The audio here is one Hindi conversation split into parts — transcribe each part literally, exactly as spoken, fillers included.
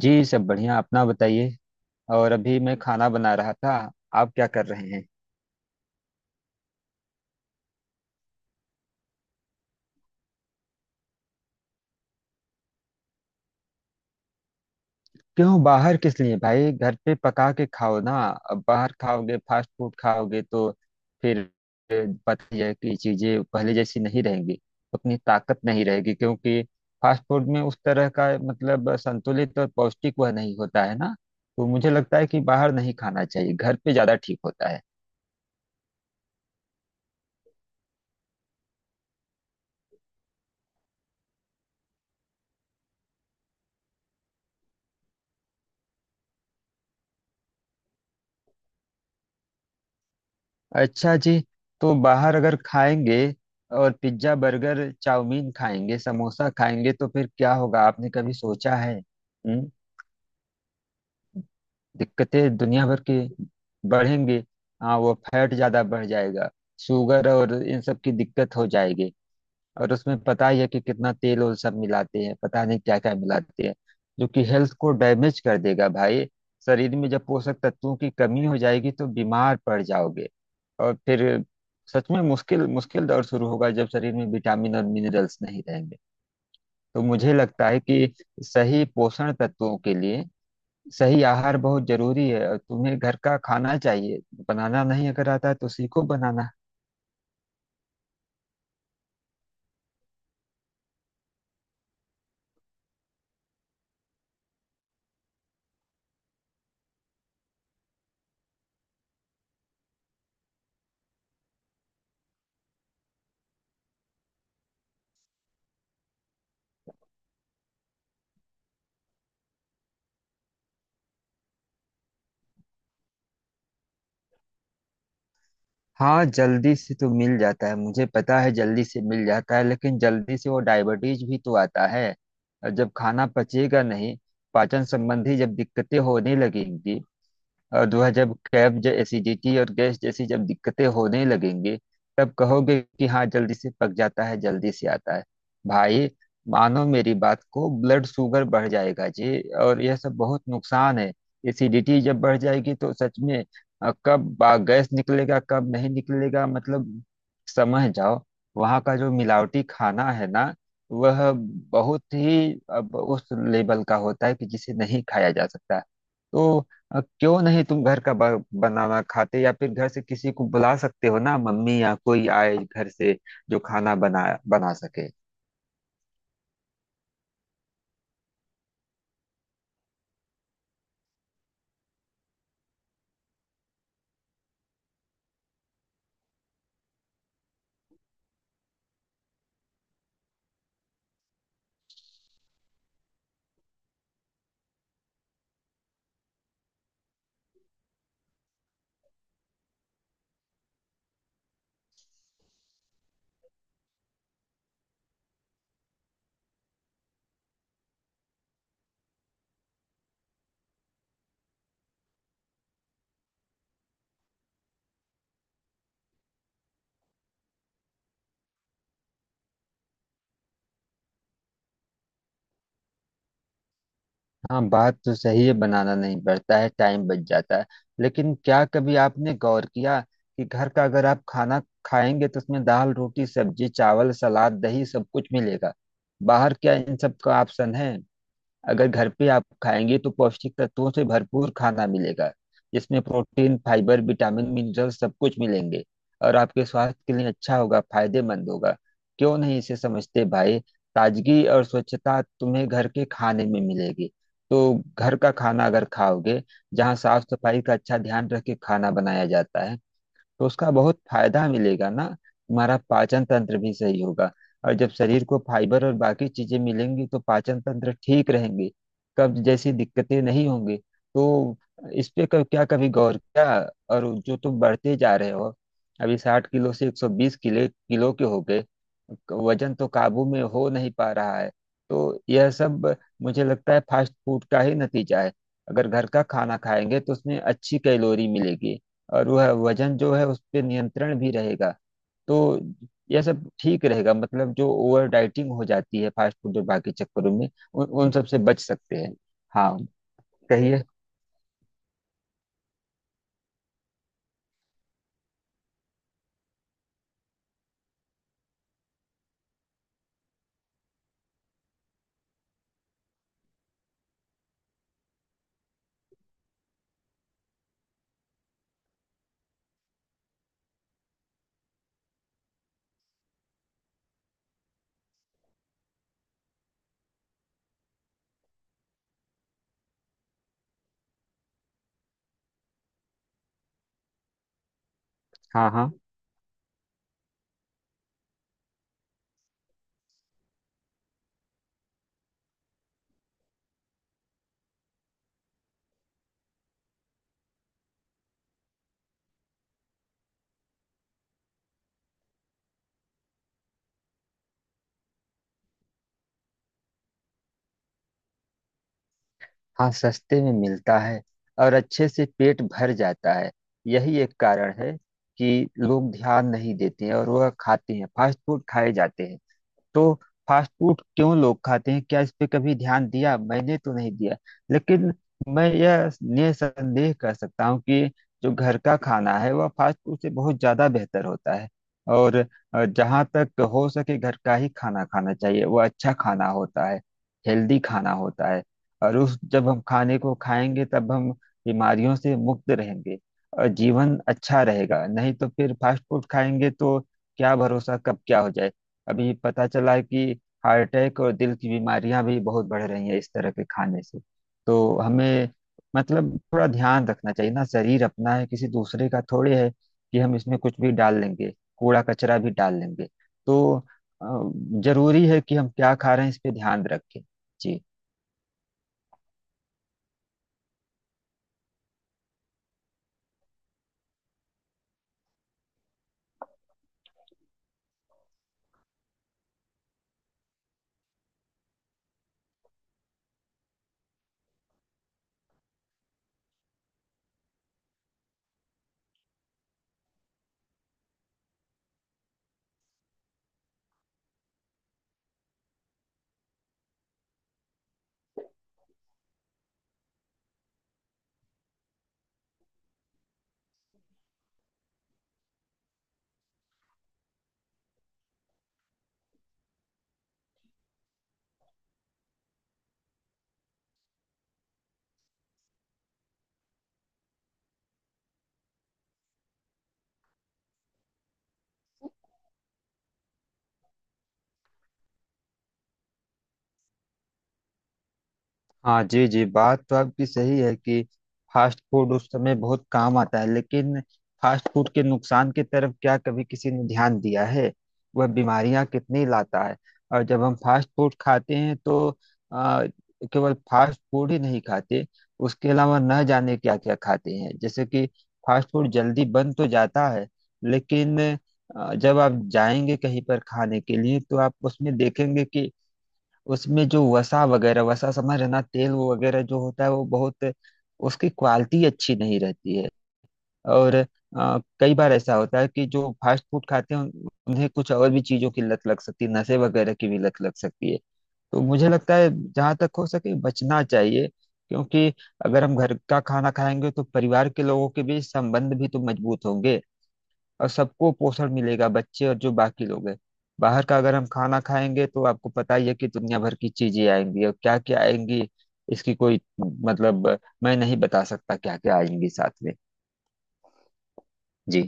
जी सब बढ़िया। अपना बताइए। और अभी मैं खाना बना रहा था। आप क्या कर रहे हैं? क्यों बाहर, किस लिए भाई? घर पे पका के खाओ ना। अब बाहर खाओगे, फास्ट फूड खाओगे तो फिर ए, पता ही है कि चीजें पहले जैसी नहीं रहेंगी। उतनी ताकत नहीं रहेगी क्योंकि फास्ट फूड में उस तरह का मतलब संतुलित और पौष्टिक वह नहीं होता है ना। तो मुझे लगता है कि बाहर नहीं खाना चाहिए, घर पे ज्यादा ठीक होता है। अच्छा जी। तो बाहर अगर खाएंगे और पिज्जा बर्गर चाउमीन खाएंगे, समोसा खाएंगे तो फिर क्या होगा? आपने कभी सोचा है? हम्म। दिक्कतें दुनिया भर की बढ़ेंगी। हाँ, वो फैट ज्यादा बढ़ जाएगा। शुगर और इन सब की दिक्कत हो जाएगी। और उसमें पता ही है कि कितना तेल और सब मिलाते हैं, पता नहीं क्या क्या मिलाते हैं जो कि हेल्थ को डैमेज कर देगा भाई। शरीर में जब पोषक तत्वों की कमी हो जाएगी तो बीमार पड़ जाओगे। और फिर सच में मुश्किल मुश्किल दौर शुरू होगा जब शरीर में विटामिन और मिनरल्स नहीं रहेंगे। तो मुझे लगता है कि सही पोषण तत्वों के लिए सही आहार बहुत जरूरी है और तुम्हें घर का खाना चाहिए। बनाना नहीं अगर आता है तो सीखो बनाना। हाँ, जल्दी से तो मिल जाता है, मुझे पता है जल्दी से मिल जाता है लेकिन जल्दी से वो डायबिटीज भी तो आता है। और जब खाना पचेगा नहीं, पाचन संबंधी जब दिक्कतें होने लगेंगी और वह जब कैब ज- एसिडिटी और गैस जैसी जब दिक्कतें होने लगेंगी तब कहोगे कि हाँ जल्दी से पक जाता है, जल्दी से आता है भाई। मानो मेरी बात को, ब्लड शुगर बढ़ जाएगा जी और यह सब बहुत नुकसान है। एसिडिटी जब बढ़ जाएगी तो सच में अ, कब बा- गैस निकलेगा कब नहीं निकलेगा, मतलब समझ जाओ। वहाँ का जो मिलावटी खाना है ना वह बहुत ही अब उस लेवल का होता है कि जिसे नहीं खाया जा सकता। तो अ, क्यों नहीं तुम घर का ब- बनाना खाते या फिर घर से किसी को बुला सकते हो ना, मम्मी या कोई आए घर से जो खाना बना बना सके। हाँ, बात तो सही है, बनाना नहीं पड़ता है, टाइम बच जाता है लेकिन क्या कभी आपने गौर किया कि घर का अगर आप खाना खाएंगे तो उसमें दाल रोटी सब्जी चावल सलाद दही सब कुछ मिलेगा। बाहर क्या इन सब का ऑप्शन है? अगर घर पे आप खाएंगे तो पौष्टिक तत्वों से भरपूर खाना मिलेगा जिसमें प्रोटीन फाइबर विटामिन मिनरल सब कुछ मिलेंगे और आपके स्वास्थ्य के लिए अच्छा होगा, फायदेमंद होगा। क्यों नहीं इसे समझते भाई? ताजगी और स्वच्छता तुम्हें घर के खाने में मिलेगी। तो घर का खाना अगर खाओगे जहाँ साफ सफाई का अच्छा ध्यान रख के खाना बनाया जाता है तो उसका बहुत फायदा मिलेगा ना। हमारा पाचन तंत्र भी सही होगा और जब शरीर को फाइबर और बाकी चीजें मिलेंगी तो पाचन तंत्र ठीक रहेंगे, कब्ज जैसी दिक्कतें नहीं होंगी। तो इस पे कब क्या कभी गौर किया? और जो तुम बढ़ते जा रहे हो, अभी साठ किलो से एक सौ बीस किलो किलो के हो गए। वजन तो काबू में हो नहीं पा रहा है। तो यह सब मुझे लगता है फास्ट फूड का ही नतीजा है। अगर घर का खाना खाएंगे तो उसमें अच्छी कैलोरी मिलेगी और वह वजन जो है उस पर नियंत्रण भी रहेगा। तो यह सब ठीक रहेगा, मतलब जो ओवर डाइटिंग हो जाती है फास्ट फूड और बाकी चक्करों में, उन उन सब से बच सकते हैं। हाँ, कहिए। हाँ हाँ हाँ, सस्ते में मिलता है और अच्छे से पेट भर जाता है। यही एक कारण है कि लोग ध्यान नहीं देते हैं और वह खाते हैं, फास्ट फूड खाए जाते हैं। तो फास्ट फूड क्यों लोग खाते हैं, क्या इस पे कभी ध्यान दिया? मैंने तो नहीं दिया लेकिन मैं यह निसंदेह कर सकता हूँ कि जो घर का खाना है वह फास्ट फूड से बहुत ज्यादा बेहतर होता है। और अ, जहाँ तक हो सके घर का ही खाना खाना चाहिए। वह अच्छा खाना होता है, हेल्दी खाना होता है। और उस जब हम खाने को खाएंगे तब हम बीमारियों से मुक्त रहेंगे और जीवन अच्छा रहेगा। नहीं तो फिर फास्ट फूड खाएंगे तो क्या भरोसा, कब क्या हो जाए। अभी पता चला है कि हार्ट अटैक और दिल की बीमारियां भी बहुत बढ़ रही हैं इस तरह के खाने से। तो हमें मतलब थोड़ा ध्यान रखना चाहिए ना, शरीर अपना है, किसी दूसरे का थोड़े है कि हम इसमें कुछ भी डाल लेंगे, कूड़ा कचरा भी डाल लेंगे। तो अ, जरूरी है कि हम क्या खा रहे हैं इस पे ध्यान रखें जी। हाँ जी जी, बात तो आपकी सही है कि फास्ट फूड उस समय बहुत काम आता है लेकिन फास्ट फूड के नुकसान की तरफ क्या कभी किसी ने ध्यान दिया है? वह बीमारियां कितनी लाता है। और जब हम फास्ट फूड खाते हैं तो आ, केवल फास्ट फूड ही नहीं खाते, उसके अलावा न जाने क्या क्या खाते हैं। जैसे कि फास्ट फूड जल्दी बन तो जाता है लेकिन आ, जब आप जाएंगे कहीं पर खाने के लिए तो आप उसमें देखेंगे कि उसमें जो वसा वगैरह, वसा समझ रहे ना, तेल वो वगैरह जो होता है वो बहुत, उसकी क्वालिटी अच्छी नहीं रहती है। और अ, कई बार ऐसा होता है कि जो फास्ट फूड खाते हैं उन- उन्हें कुछ और भी चीजों की लत लग सकती है, नशे वगैरह की भी लत लग सकती है। तो मुझे लगता है जहाँ तक हो सके बचना चाहिए, क्योंकि अगर हम घर का खाना खाएंगे तो परिवार के लोगों के बीच संबंध भी तो मजबूत होंगे और सबको पोषण मिलेगा, बच्चे और जो बाकी लोग हैं। बाहर का अगर हम खाना खाएंगे तो आपको पता ही है कि दुनिया भर की चीजें आएंगी और क्या क्या आएंगी, इसकी कोई मतलब मैं नहीं बता सकता क्या क्या आएंगी साथ में। जी।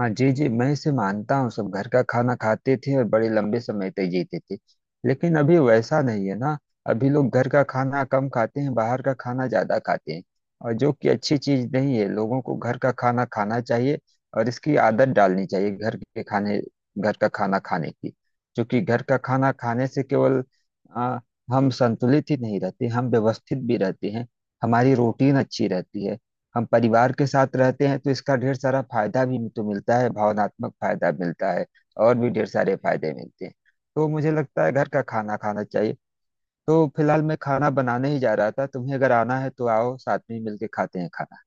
हाँ जी जी, मैं इसे मानता हूँ, सब घर का खाना खाते थे और बड़े लंबे समय तक जीते थे लेकिन अभी वैसा नहीं है ना। अभी लोग घर का खाना कम खाते हैं, बाहर का खाना ज्यादा खाते हैं और जो कि अच्छी चीज नहीं है। लोगों को घर का खाना खाना चाहिए और इसकी आदत डालनी चाहिए, घर के खाने, घर का खाना खाने की, क्योंकि घर का खाना खाने से केवल आ, हम संतुलित ही नहीं रहते, हम व्यवस्थित भी रहते हैं। हमारी रूटीन अच्छी रहती है, हम परिवार के साथ रहते हैं तो इसका ढेर सारा फायदा भी तो मिलता है, भावनात्मक फायदा मिलता है, और भी ढेर सारे फायदे मिलते हैं। तो मुझे लगता है घर का खाना खाना चाहिए। तो फिलहाल मैं खाना बनाने ही जा रहा था, तुम्हें अगर आना है तो आओ, साथ में ही मिलके खाते हैं खाना।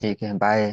ठीक है, बाय।